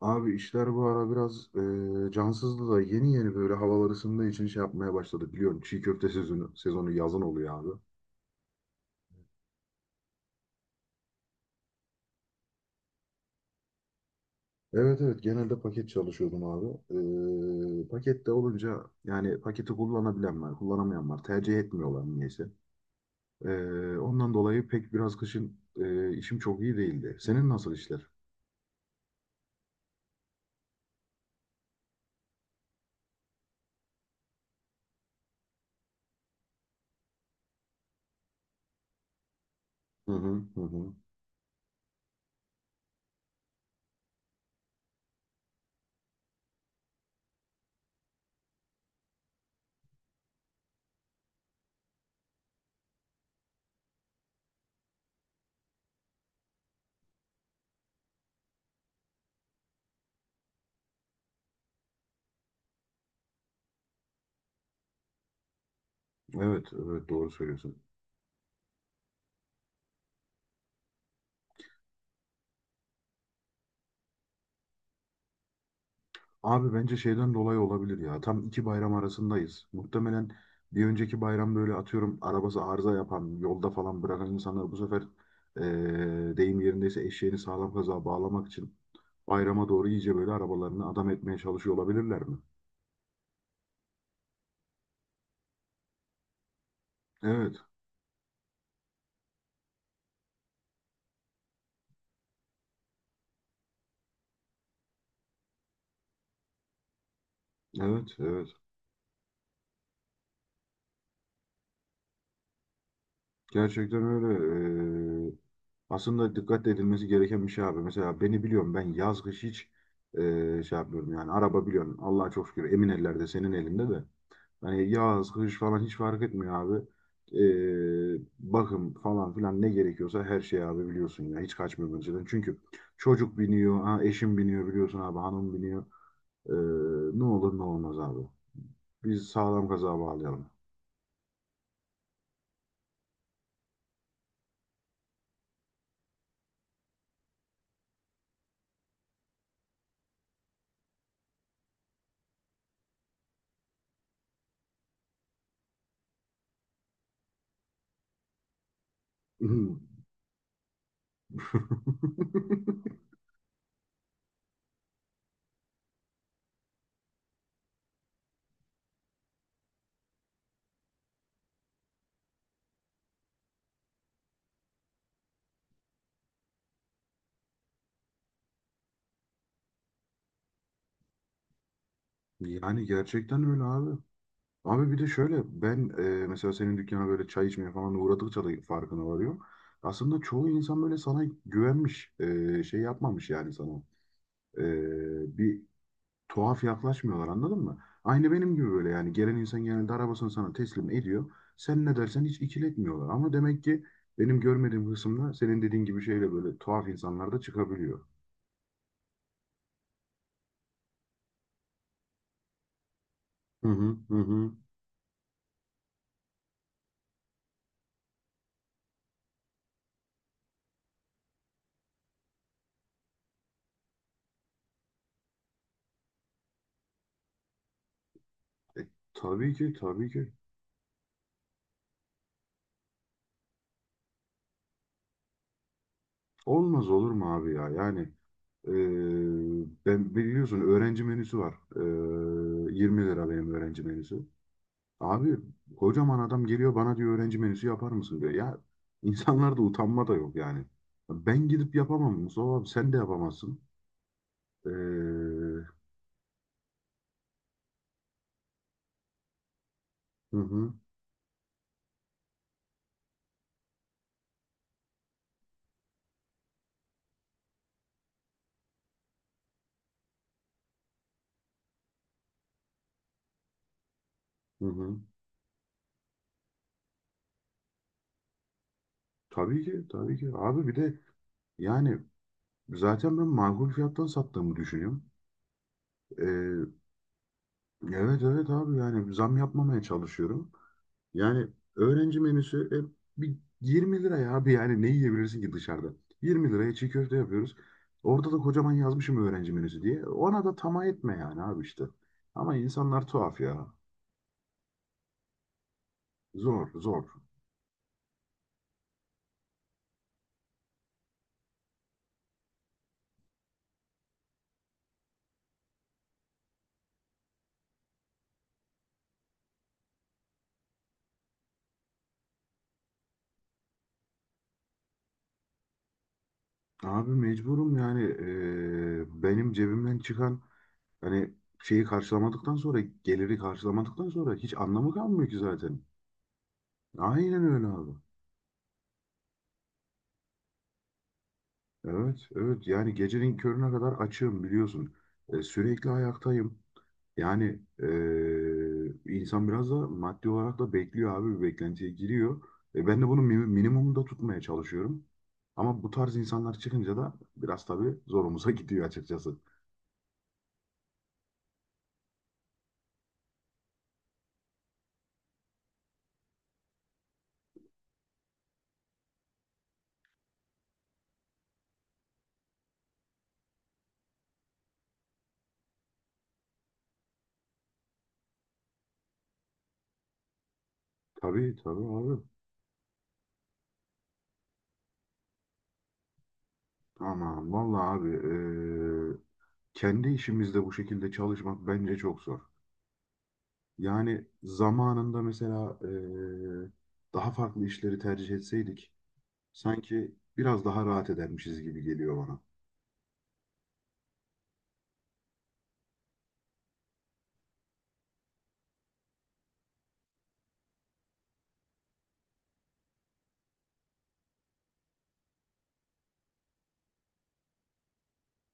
Abi işler bu ara biraz cansızdı da yeni yeni böyle havalar ısındığı için şey yapmaya başladı. Biliyorum çiğ köfte sezonu, sezonu yazın oluyor abi. Evet, evet, genelde paket çalışıyordum abi. Pakette olunca yani paketi kullanabilen var, kullanamayan var. Tercih etmiyorlar niyeyse. E, Ondan dolayı pek biraz kışın işim çok iyi değildi. Senin nasıl işler? Hı hı hı, hı. Evet, evet, doğru söylüyorsun. Abi bence şeyden dolayı olabilir ya. Tam iki bayram arasındayız. Muhtemelen bir önceki bayram böyle atıyorum arabası arıza yapan, yolda falan bırakan insanlar bu sefer deyim yerindeyse eşeğini sağlam kazığa bağlamak için bayrama doğru iyice böyle arabalarını adam etmeye çalışıyor olabilirler mi? Evet, evet, evet. Gerçekten öyle. Eee, Aslında dikkat edilmesi gereken bir şey abi. Mesela beni biliyorum, ben yaz kış hiç şey yapmıyorum yani. Araba biliyorum, Allah'a çok şükür, emin ellerde, senin elinde de. Hani yaz, kış falan hiç fark etmiyor abi. Bakım falan filan ne gerekiyorsa her şey abi biliyorsun ya. Hiç kaçmıyor önceden. Çünkü çocuk biniyor, ha, eşim biniyor biliyorsun abi, hanım biniyor. Ee, Ne olur ne olmaz abi. Biz sağlam kaza bağlayalım. Yani gerçekten öyle abi. Abi bir de şöyle, ben mesela senin dükkana böyle çay içmeye falan uğradıkça da farkına varıyorum. Aslında çoğu insan böyle sana güvenmiş, şey yapmamış yani sana. Bir tuhaf yaklaşmıyorlar, anladın mı? Aynı benim gibi böyle, yani gelen insan genelde arabasını sana teslim ediyor. Sen ne dersen hiç ikiletmiyorlar. Ama demek ki benim görmediğim kısımda senin dediğin gibi şeyle böyle tuhaf insanlar da çıkabiliyor. Hı hı hı hı. E, tabii ki, tabii ki. Olmaz olur mu abi ya? Yani e, ben biliyorsun öğrenci menüsü var. E, 20 lira benim öğrenci menüsü. Abi kocaman adam geliyor bana, diyor öğrenci menüsü yapar mısın diyor. Ya insanlarda utanma da yok yani. Ben gidip yapamam, Mustafa abi sen de yapamazsın. Ee, hı hı, hı hı. Tabii ki, tabii ki abi, bir de yani zaten ben makul fiyattan sattığımı düşünüyorum. Ee, evet, evet abi yani zam yapmamaya çalışıyorum. Yani öğrenci menüsü bir 20 lira ya abi, yani ne yiyebilirsin ki dışarıda? 20 liraya çiğ köfte yapıyoruz. Orada da kocaman yazmışım öğrenci menüsü diye. Ona da tamah etme yani abi işte. Ama insanlar tuhaf ya. Zor zor. Abi mecburum yani, benim cebimden çıkan hani şeyi karşılamadıktan sonra, geliri karşılamadıktan sonra hiç anlamı kalmıyor ki zaten. Aynen öyle abi. Evet, evet. Yani gecenin körüne kadar açığım biliyorsun. Sürekli ayaktayım. Yani insan biraz da maddi olarak da bekliyor abi, bir beklentiye giriyor. Ben de bunu minimumda tutmaya çalışıyorum. Ama bu tarz insanlar çıkınca da biraz tabii zorumuza gidiyor açıkçası. Tabii, tabii abi. Aman vallahi abi, e, kendi işimizde bu şekilde çalışmak bence çok zor. Yani zamanında mesela daha farklı işleri tercih etseydik sanki biraz daha rahat edermişiz gibi geliyor bana.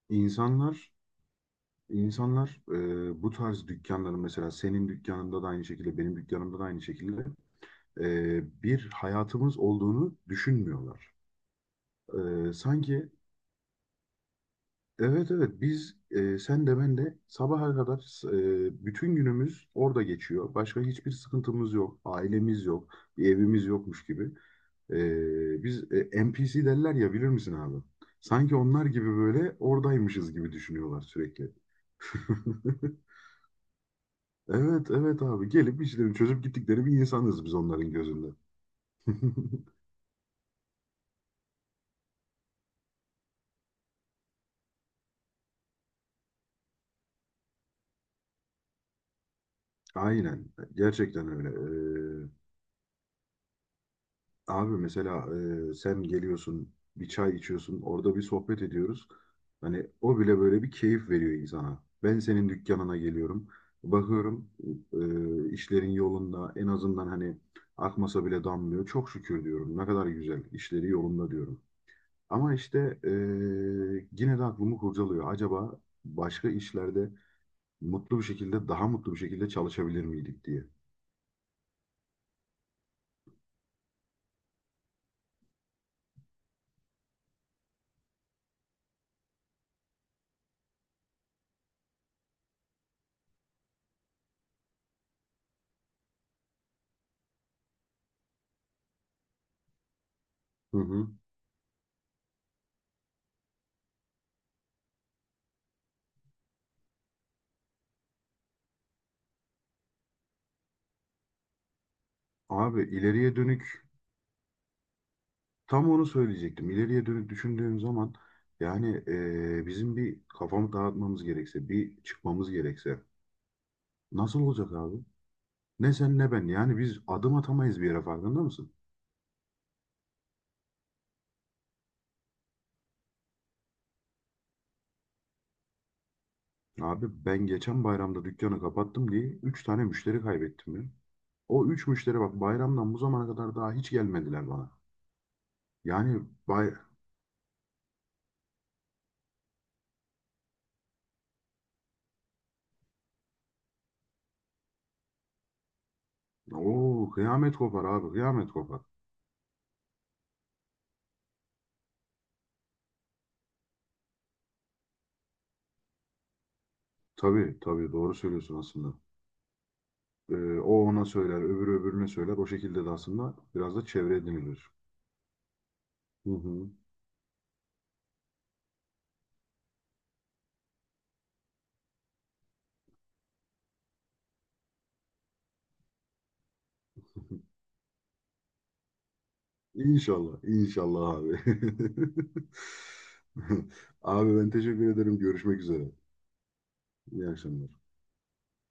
İnsanlar insanlar bu tarz dükkanların, mesela senin dükkanında da aynı şekilde, benim dükkanımda da aynı şekilde bir hayatımız olduğunu düşünmüyorlar. Sanki evet, evet, biz sen de ben de sabaha kadar, bütün günümüz orada geçiyor. Başka hiçbir sıkıntımız yok, ailemiz yok, bir evimiz yokmuş gibi. Biz NPC derler ya, bilir misin abi? Sanki onlar gibi böyle oradaymışız gibi düşünüyorlar sürekli. Evet, evet abi, gelip işlerini çözüp gittikleri bir insanız biz onların gözünde. Aynen, gerçekten öyle. Abi mesela sen geliyorsun bir çay içiyorsun, orada bir sohbet ediyoruz. Hani o bile böyle bir keyif veriyor insana. Ben senin dükkanına geliyorum. Bakıyorum işlerin yolunda, en azından hani akmasa bile damlıyor. Çok şükür diyorum, ne kadar güzel, işleri yolunda diyorum. Ama işte yine de aklımı kurcalıyor. Acaba başka işlerde mutlu bir şekilde, daha mutlu bir şekilde çalışabilir miydik diye. Hı hı. Abi ileriye dönük tam onu söyleyecektim. İleriye dönük düşündüğüm zaman, yani bizim bir kafamı dağıtmamız gerekse, bir çıkmamız gerekse nasıl olacak abi? Ne sen ne ben, yani biz adım atamayız bir yere, farkında mısın? Abi ben geçen bayramda dükkanı kapattım diye 3 tane müşteri kaybettim ya. O 3 müşteri bak, bayramdan bu zamana kadar daha hiç gelmediler bana. Yani bay... Oo, kıyamet kopar abi, kıyamet kopar. Tabii, tabii, doğru söylüyorsun aslında. O ona söyler, öbürü öbürüne söyler. O şekilde de aslında biraz da çevre edinilir. Hı hı. İnşallah, inşallah abi. Abi ben teşekkür ederim. Görüşmek üzere. İyi akşamlar.